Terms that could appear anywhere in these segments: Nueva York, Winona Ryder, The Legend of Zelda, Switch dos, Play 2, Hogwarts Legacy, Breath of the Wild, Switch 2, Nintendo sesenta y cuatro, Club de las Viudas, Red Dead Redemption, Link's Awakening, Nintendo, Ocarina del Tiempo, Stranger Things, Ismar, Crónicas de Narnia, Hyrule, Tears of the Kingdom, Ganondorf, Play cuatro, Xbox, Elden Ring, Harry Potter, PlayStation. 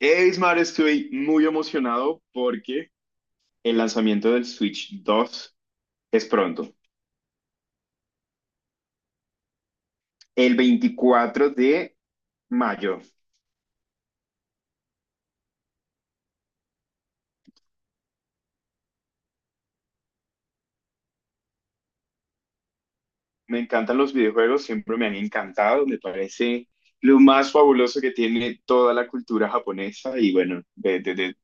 Hey, Ismar, estoy muy emocionado porque el lanzamiento del Switch 2 es pronto, el 24 de mayo. Me encantan los videojuegos, siempre me han encantado, me parece lo más fabuloso que tiene toda la cultura japonesa y bueno, de, de, de-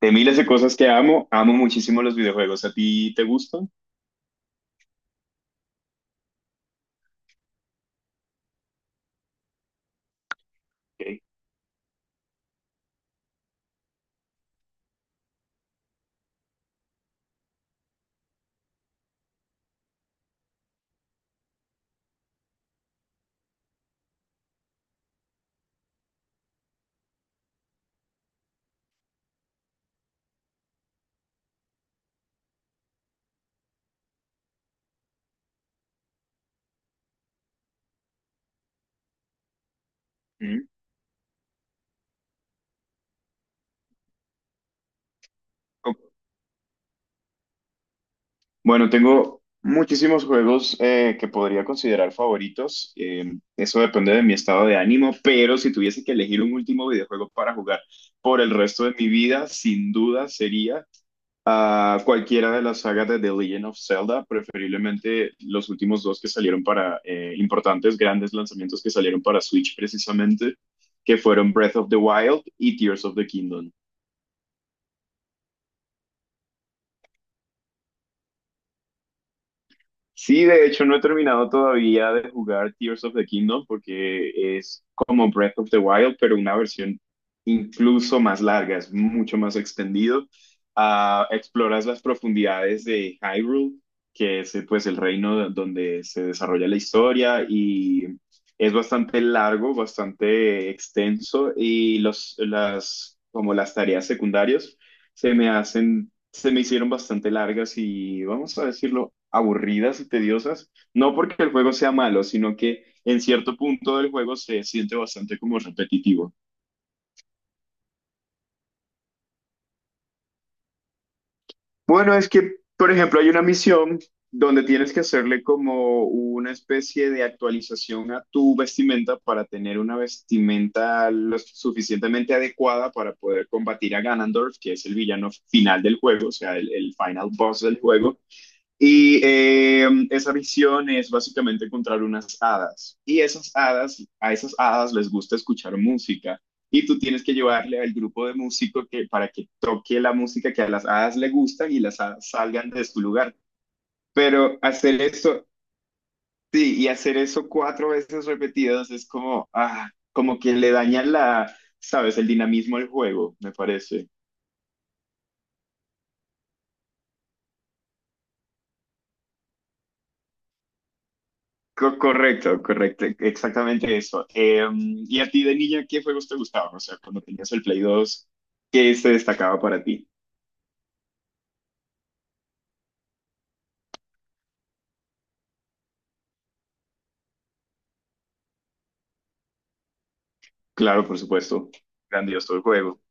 de miles de cosas que amo, amo muchísimo los videojuegos. ¿A ti te gustan? Ok. Mm. Ok. Bueno, tengo muchísimos juegos que podría considerar favoritos. Eso depende de mi estado de ánimo, pero si tuviese que elegir un último videojuego para jugar por el resto de mi vida, sin duda sería cualquiera de las sagas de The Legend of Zelda, preferiblemente los últimos dos que salieron para importantes, grandes lanzamientos que salieron para Switch precisamente, que fueron Breath of the Wild y Tears of the Kingdom. Sí, de hecho no he terminado todavía de jugar Tears of the Kingdom porque es como Breath of the Wild, pero una versión incluso más larga, es mucho más extendido. Ah, exploras las profundidades de Hyrule, que es pues el reino donde se desarrolla la historia y es bastante largo, bastante extenso y como las tareas secundarias se me hicieron bastante largas y, vamos a decirlo, aburridas y tediosas. No porque el juego sea malo, sino que en cierto punto del juego se siente bastante como repetitivo. Bueno, es que, por ejemplo, hay una misión donde tienes que hacerle como una especie de actualización a tu vestimenta para tener una vestimenta lo suficientemente adecuada para poder combatir a Ganondorf, que es el villano final del juego, o sea, el final boss del juego. Y esa visión es básicamente encontrar unas hadas. Y esas hadas, a esas hadas les gusta escuchar música. Y tú tienes que llevarle al grupo de músicos para que toque la música que a las hadas le gustan y las hadas salgan de su lugar. Pero hacer eso, sí, y hacer eso cuatro veces repetidas es como, como que le daña la, sabes, el dinamismo al juego, me parece. Correcto, correcto, exactamente eso. ¿Y a ti de niña qué juegos te gustaban? O sea, cuando tenías el Play 2, ¿qué se destacaba para ti? Claro, por supuesto, grandioso el juego.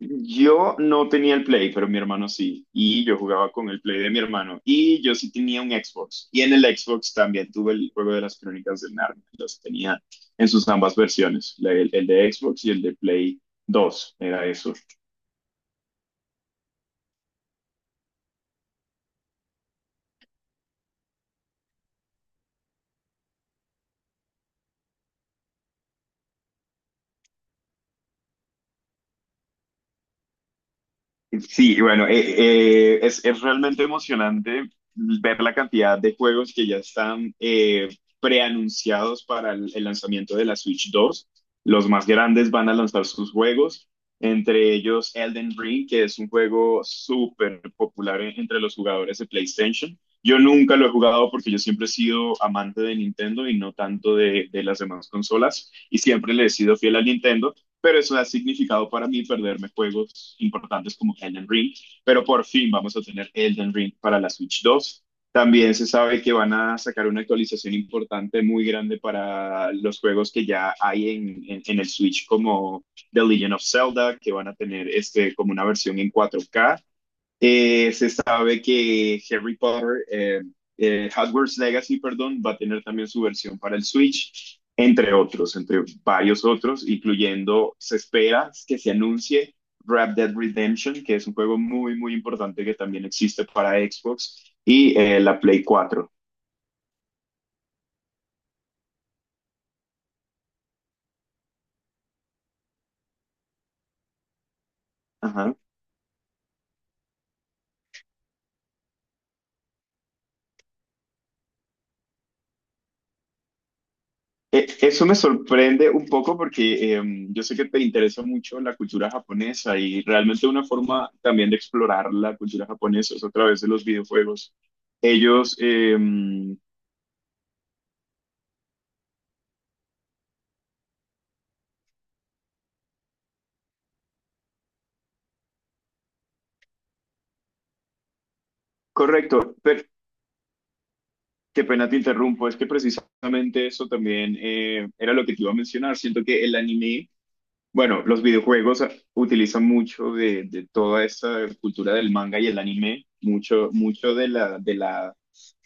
Yo no tenía el Play, pero mi hermano sí, y yo jugaba con el Play de mi hermano, y yo sí tenía un Xbox, y en el Xbox también tuve el juego de las Crónicas de Narnia, los tenía en sus ambas versiones, el de Xbox y el de Play 2, era eso. Sí, bueno, es realmente emocionante ver la cantidad de juegos que ya están preanunciados para el lanzamiento de la Switch 2. Los más grandes van a lanzar sus juegos, entre ellos Elden Ring, que es un juego súper popular entre los jugadores de PlayStation. Yo nunca lo he jugado porque yo siempre he sido amante de Nintendo y no tanto de las demás consolas y siempre le he sido fiel a Nintendo, pero eso ha significado para mí perderme juegos importantes como Elden Ring, pero por fin vamos a tener Elden Ring para la Switch 2. También se sabe que van a sacar una actualización importante, muy grande para los juegos que ya hay en el Switch, como The Legend of Zelda, que van a tener este, como una versión en 4K. Se sabe que Harry Potter, Hogwarts Legacy, perdón, va a tener también su versión para el Switch, entre otros, entre varios otros, incluyendo, se espera que se anuncie Red Dead Redemption, que es un juego muy, muy importante que también existe para Xbox y la Play 4. Ajá. Eso me sorprende un poco porque yo sé que te interesa mucho la cultura japonesa y realmente una forma también de explorar la cultura japonesa es a través de los videojuegos. Ellos, correcto, pero qué pena te interrumpo, es que precisamente eso también era lo que te iba a mencionar. Siento que el anime. Bueno, los videojuegos utilizan mucho de toda esta cultura del manga y el anime, mucho, mucho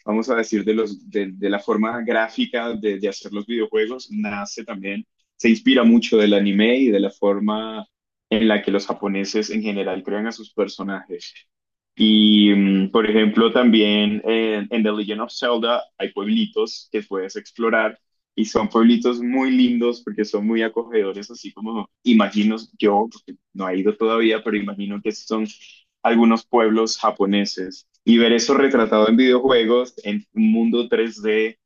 vamos a decir, de la forma gráfica de hacer los videojuegos, nace también, se inspira mucho del anime y de la forma en la que los japoneses en general crean a sus personajes. Y, por ejemplo, también en The Legend of Zelda hay pueblitos que puedes explorar y son pueblitos muy lindos porque son muy acogedores, así como imagino yo, porque no he ido todavía, pero imagino que son algunos pueblos japoneses. Y ver eso retratado en videojuegos, en un mundo 3D,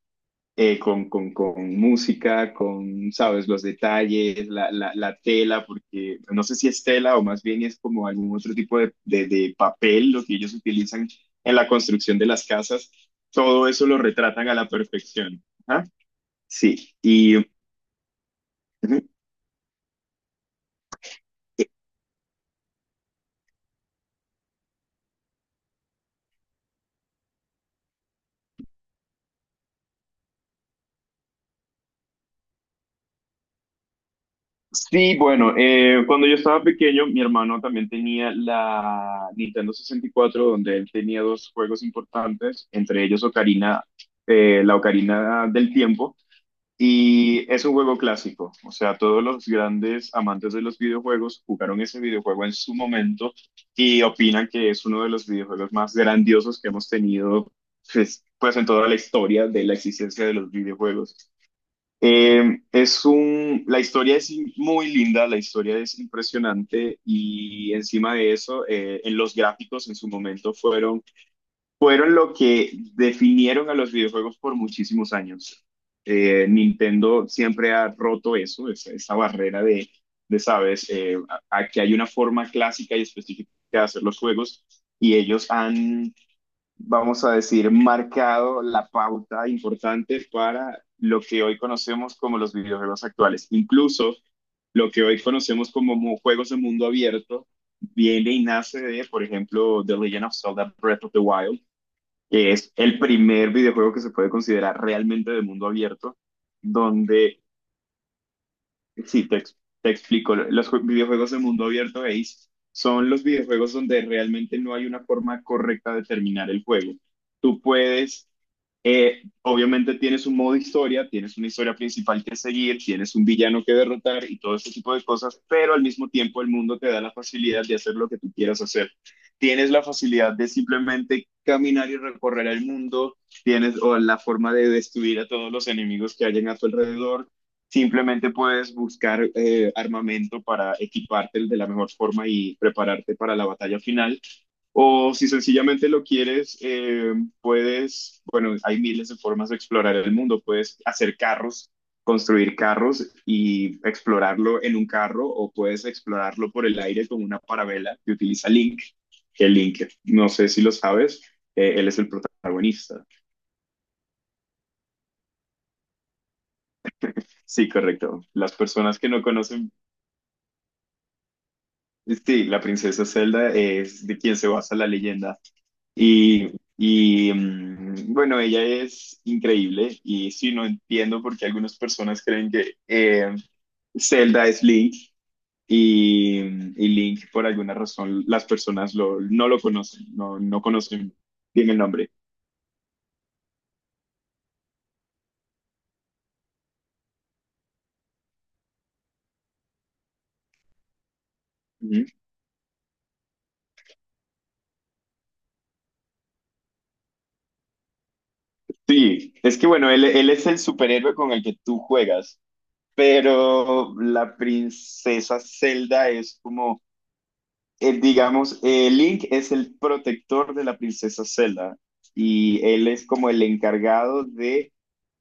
con, música, con, sabes, los detalles, tela, porque no sé si es tela o más bien es como algún otro tipo de papel lo que ellos utilizan en la construcción de las casas, todo eso lo retratan a la perfección. ¿Ah? Sí, y ujú. Eh, sí, bueno, cuando yo estaba pequeño, mi hermano también tenía la Nintendo 64 donde él tenía dos juegos importantes, entre ellos Ocarina, la Ocarina del Tiempo, y es un juego clásico, o sea, todos los grandes amantes de los videojuegos jugaron ese videojuego en su momento y opinan que es uno de los videojuegos más grandiosos que hemos tenido, pues en toda la historia de la existencia de los videojuegos. La historia es muy linda, la historia es impresionante y encima de eso, en los gráficos en su momento fueron lo que definieron a los videojuegos por muchísimos años. Nintendo siempre ha roto esa barrera de sabes, a que hay una forma clásica y específica de hacer los juegos y ellos han, vamos a decir, marcado la pauta importante para lo que hoy conocemos como los videojuegos actuales. Incluso lo que hoy conocemos como juegos de mundo abierto viene y nace de, por ejemplo, The Legend of Zelda Breath of the Wild, que es el primer videojuego que se puede considerar realmente de mundo abierto, donde. Sí, te explico. Los videojuegos de mundo abierto, Ace, son los videojuegos donde realmente no hay una forma correcta de terminar el juego. Tú puedes, obviamente tienes un modo historia, tienes una historia principal que seguir, tienes un villano que derrotar y todo ese tipo de cosas, pero al mismo tiempo el mundo te da la facilidad de hacer lo que tú quieras hacer. Tienes la facilidad de simplemente caminar y recorrer el mundo, tienes o la forma de destruir a todos los enemigos que hayan a tu alrededor. Simplemente puedes buscar armamento para equiparte de la mejor forma y prepararte para la batalla final. O si sencillamente lo quieres, bueno, hay miles de formas de explorar el mundo. Puedes hacer carros, construir carros y explorarlo en un carro o puedes explorarlo por el aire con una parabela que utiliza Link. Que Link, no sé si lo sabes, él es el protagonista. Sí, correcto. Las personas que no conocen. Sí, la princesa Zelda es de quien se basa la leyenda. Y, y, bueno, ella es increíble y sí, no entiendo por qué algunas personas creen que Zelda es Link y Link por alguna razón las personas no lo conocen, no, no conocen bien el nombre. Ujú. Sí, es que bueno, él es el superhéroe con el que tú juegas, pero la princesa Zelda es como digamos, Link es el protector de la princesa Zelda y él es como el encargado de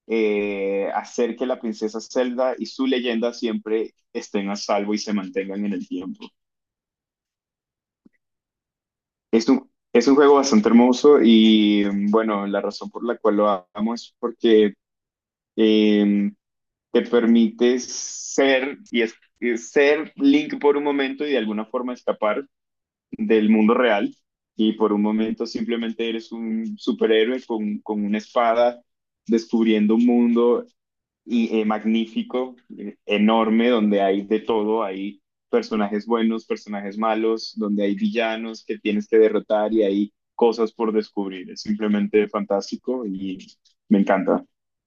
hacer que la princesa Zelda y su leyenda siempre estén a salvo y se mantengan en el tiempo. Es un juego bastante hermoso y bueno, la razón por la cual lo amo es porque eh, te permite ser y ser Link por un momento y de alguna forma escapar del mundo real y por un momento simplemente eres un superhéroe con, una espada descubriendo un mundo y, magnífico, enorme, donde hay de todo, hay personajes buenos, personajes malos, donde hay villanos que tienes que derrotar y hay cosas por descubrir. Es simplemente fantástico y me encanta.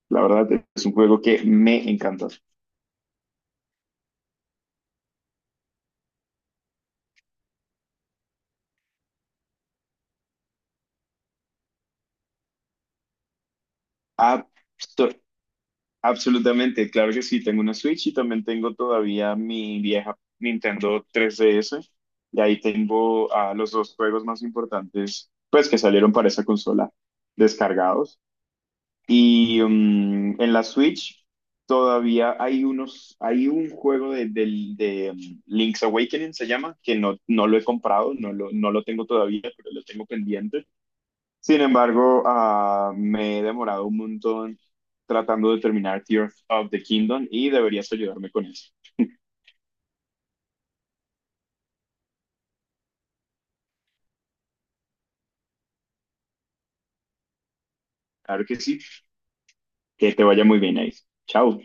La verdad es un juego que me encanta. Ah, so- Absolutamente, claro que sí, tengo una Switch y también tengo todavía mi vieja Nintendo 3DS y ahí tengo a los dos juegos más importantes pues que salieron para esa consola descargados y en la Switch todavía hay un juego de Link's Awakening se llama que no, no lo he comprado, no lo tengo todavía, pero lo tengo pendiente. Sin embargo, me he demorado un montón tratando de terminar Tears of the Kingdom y deberías ayudarme con eso. Claro que sí. Que te vaya muy bien ahí. Chao.